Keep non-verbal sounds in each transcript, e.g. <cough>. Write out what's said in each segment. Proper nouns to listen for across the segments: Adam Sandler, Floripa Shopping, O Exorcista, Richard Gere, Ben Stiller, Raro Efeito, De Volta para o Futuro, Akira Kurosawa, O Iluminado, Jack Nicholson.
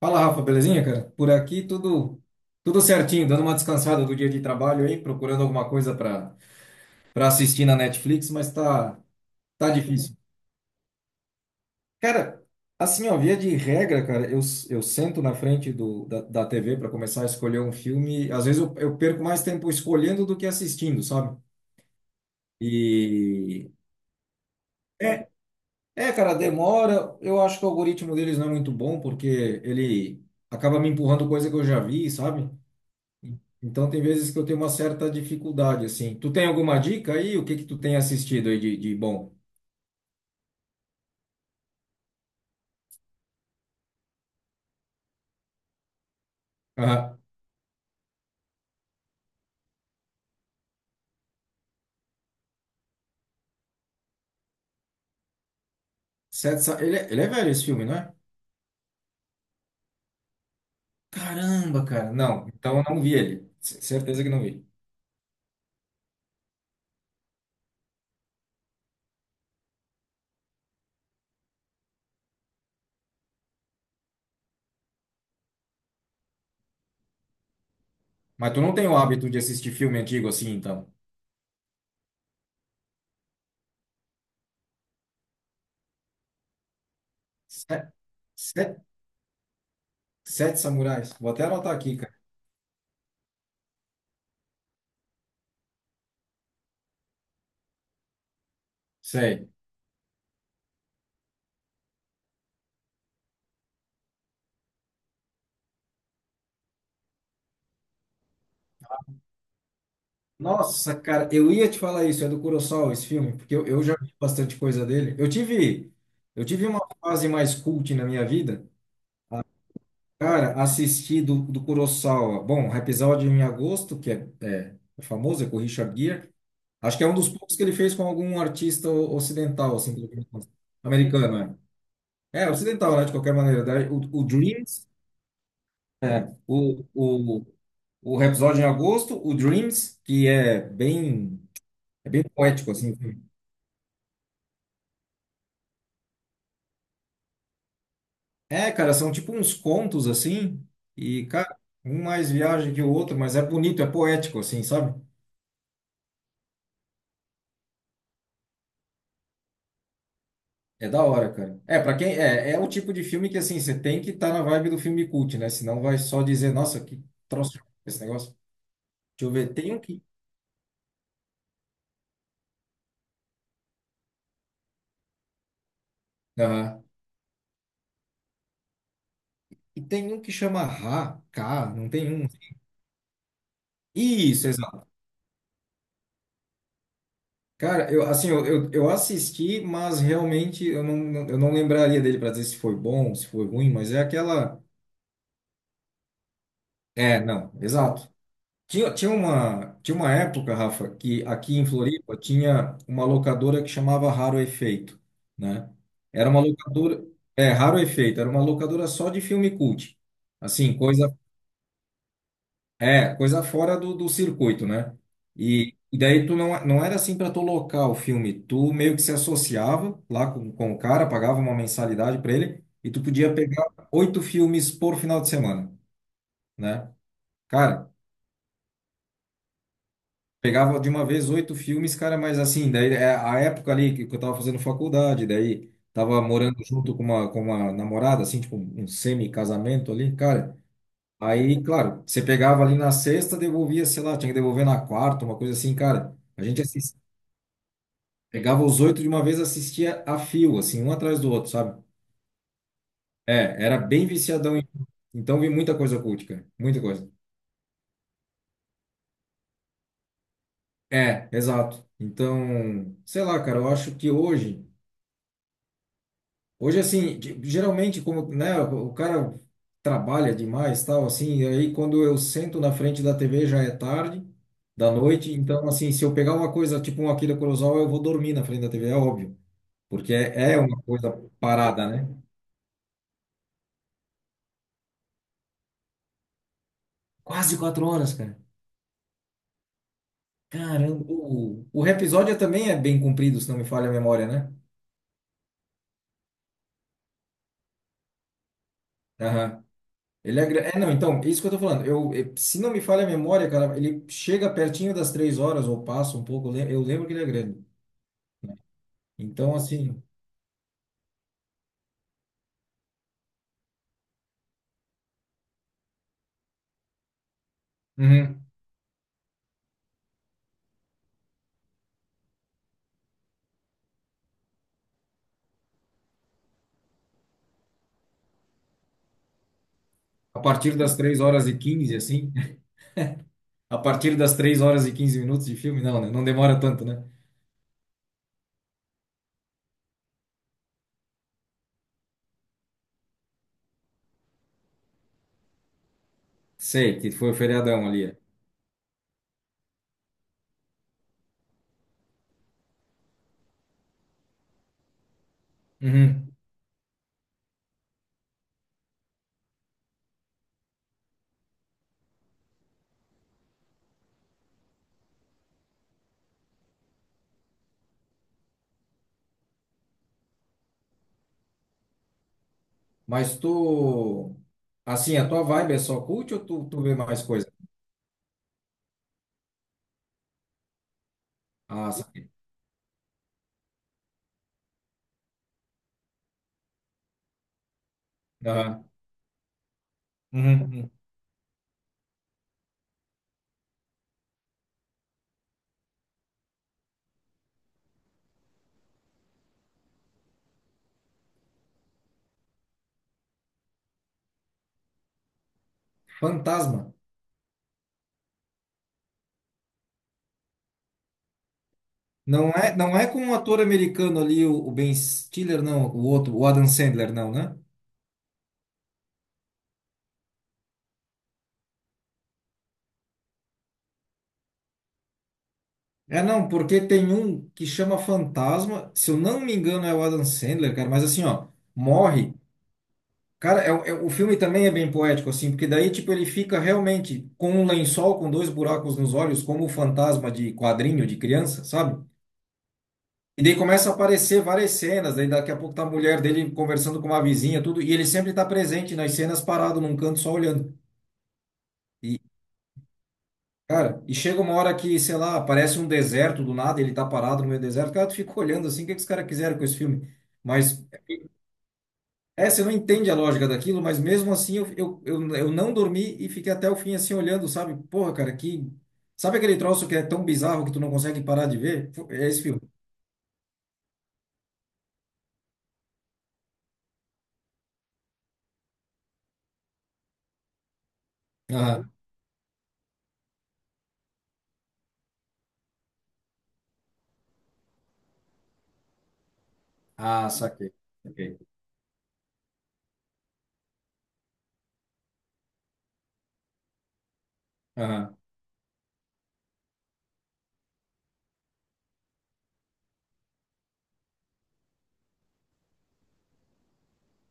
Fala, Rafa, belezinha, cara? Por aqui tudo certinho, dando uma descansada do dia de trabalho aí, procurando alguma coisa para assistir na Netflix, mas tá difícil. Cara, assim, ó, via de regra, cara, eu sento na frente da TV para começar a escolher um filme, às vezes eu perco mais tempo escolhendo do que assistindo, sabe? E é é, cara, demora. Eu acho que o algoritmo deles não é muito bom, porque ele acaba me empurrando coisa que eu já vi, sabe? Então tem vezes que eu tenho uma certa dificuldade, assim. Tu tem alguma dica aí? O que que tu tem assistido aí de bom? Aham. Ele, ele é velho esse filme, não é? Caramba, cara. Não, então eu não vi ele. Certeza que não vi. Mas tu não tem o hábito de assistir filme antigo assim, então? Sete, sete, sete Samurais. Vou até anotar aqui, cara. Sei. Nossa, cara, eu ia te falar isso. É do Kurosawa esse filme, porque eu já vi bastante coisa dele. Eu tive uma fase mais cult na minha vida. Cara, assisti do Kurosawa. Bom, episódio em agosto, que é famoso, é com o Richard Gere. Acho que é um dos poucos que ele fez com algum artista ocidental, assim, pelo que me consta. Americano, é. É, ocidental, né, de qualquer maneira. Daí o Dreams, é, o episódio em agosto, o Dreams, que é bem poético, assim. É, cara, são tipo uns contos, assim, e, cara, um mais viagem que o outro, mas é bonito, é poético, assim, sabe? É da hora, cara. É, pra quem é o tipo de filme que assim, você tem que estar na vibe do filme cult, né? Senão vai só dizer, nossa, que troço esse negócio. Deixa eu ver, tem um que. Aham. E tem um que chama Ra, K, não tem um. Isso, exato. Cara, eu assim, eu assisti, mas realmente eu não lembraria dele pra dizer se foi bom, se foi ruim, mas é aquela. É, não, exato. Tinha uma época, Rafa, que aqui em Floripa tinha uma locadora que chamava Raro Efeito, né? Era uma locadora, é, Raro Efeito, era uma locadora só de filme cult. Assim, coisa, é, coisa fora do circuito, né? E daí tu não era assim para tu locar o filme, tu meio que se associava lá com o cara, pagava uma mensalidade para ele e tu podia pegar oito filmes por final de semana, né? Cara, pegava de uma vez oito filmes, cara, mas assim, daí é a época ali que eu tava fazendo faculdade, daí tava morando junto com uma namorada, assim, tipo um semi-casamento ali, cara. Aí, claro, você pegava ali na sexta, devolvia, sei lá, tinha que devolver na quarta, uma coisa assim, cara. A gente assist... pegava os oito de uma vez, assistia a fio, assim, um atrás do outro, sabe? É, era bem viciadão. Em- então vi muita coisa cult, cara, muita coisa. É, exato. Então, sei lá, cara, eu acho que hoje. Hoje, assim, geralmente, como, né, o cara trabalha demais, tal, assim, e aí quando eu sento na frente da TV já é tarde, da noite, então, assim, se eu pegar uma coisa, tipo um Akira Kurosawa, eu vou dormir na frente da TV, é óbvio, porque é uma coisa parada, né? Quase quatro horas, cara. Caramba, o episódio é também é bem comprido, se não me falha a memória, né? Aham. Ele é, não, então, isso que eu tô falando. Eu, se não me falha a memória, cara, ele chega pertinho das três horas, ou passa um pouco, eu lembro que ele é grande. Então, assim, uhum, a partir das 3 horas e 15 assim, <laughs> a partir das 3 horas e 15 minutos de filme, não, né? Não demora tanto, né? Sei que foi o feriadão ali. É. Uhum. Mas tu, assim, a tua vibe é só cult ou tu vê mais coisa? Ah, saquei. Aham. Uhum, uhum. Fantasma. Não é, não é com um ator americano ali, o Ben Stiller, não, o outro, o Adam Sandler, não, né? É, não, porque tem um que chama Fantasma, se eu não me engano é o Adam Sandler, cara, mas assim, ó, morre. Cara, é, o filme também é bem poético, assim, porque daí, tipo, ele fica realmente com um lençol com dois buracos nos olhos, como o fantasma de quadrinho de criança, sabe? E daí começa a aparecer várias cenas, daí daqui a pouco tá a mulher dele conversando com uma vizinha, tudo, e ele sempre tá presente nas cenas, parado num canto só olhando. E, cara, e chega uma hora que, sei lá, aparece um deserto do nada, ele tá parado no meio do deserto, cara, tu fica olhando assim, o que que os caras quiseram com esse filme? Mas é, você não entende a lógica daquilo, mas mesmo assim eu não dormi e fiquei até o fim assim olhando, sabe? Porra, cara, que. Sabe aquele troço que é tão bizarro que tu não consegue parar de ver? É esse filme. Aham. Ah, saquei. Aham.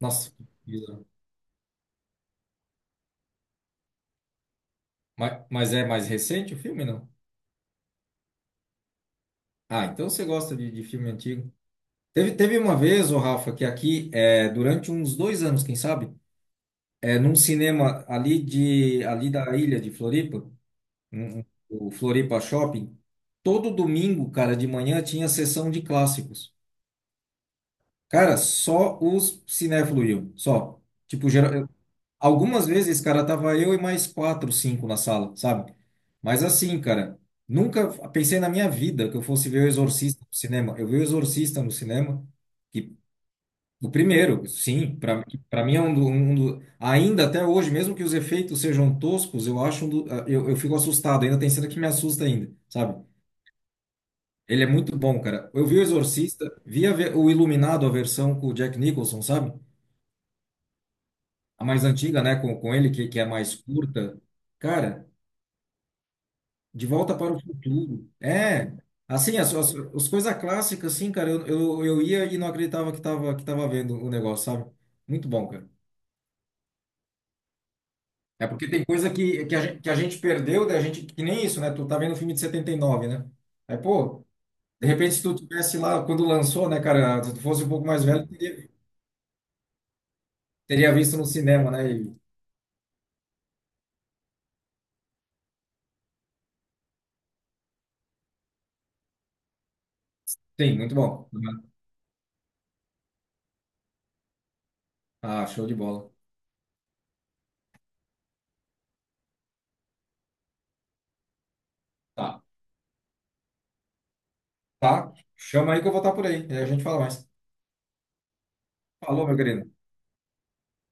Nossa, que bizarro. Mas é mais recente o filme, não? Ah, então você gosta de filme antigo. Teve uma vez, o Rafa, que aqui, é, durante uns dois anos, quem sabe, é, num cinema ali, de, ali da ilha de Floripa, uhum, o Floripa Shopping, todo domingo, cara, de manhã tinha sessão de clássicos. Cara, só os cinéfilos iam, só. Tipo, geral... algumas vezes, cara, tava eu e mais quatro, cinco na sala, sabe? Mas assim, cara, nunca pensei na minha vida que eu fosse ver O Exorcista no cinema. Eu vi O Exorcista no cinema, que o primeiro, sim, pra para mim é um, do, um ainda até hoje, mesmo que os efeitos sejam toscos, eu acho um do, eu fico assustado, ainda tem cena que me assusta ainda, sabe? Ele é muito bom, cara. Eu vi o Exorcista, vi o Iluminado, a versão com o Jack Nicholson, sabe? A mais antiga, né? Com ele, que é mais curta. Cara, De Volta para o Futuro. É, assim, as coisas clássicas, assim, cara, eu ia e não acreditava que tava, vendo o negócio, sabe? Muito bom, cara. É porque tem coisa que, que a gente perdeu, da gente, que nem isso, né? Tu tá vendo o filme de 79, né? Aí, pô, de repente, se tu tivesse lá, quando lançou, né, cara, se tu fosse um pouco mais velho, teria visto no cinema, né? Sim, muito bom. Uhum. Ah, show de bola. Tá. Tá? Chama aí que eu vou estar por aí. E aí a gente fala mais. Falou, meu querido.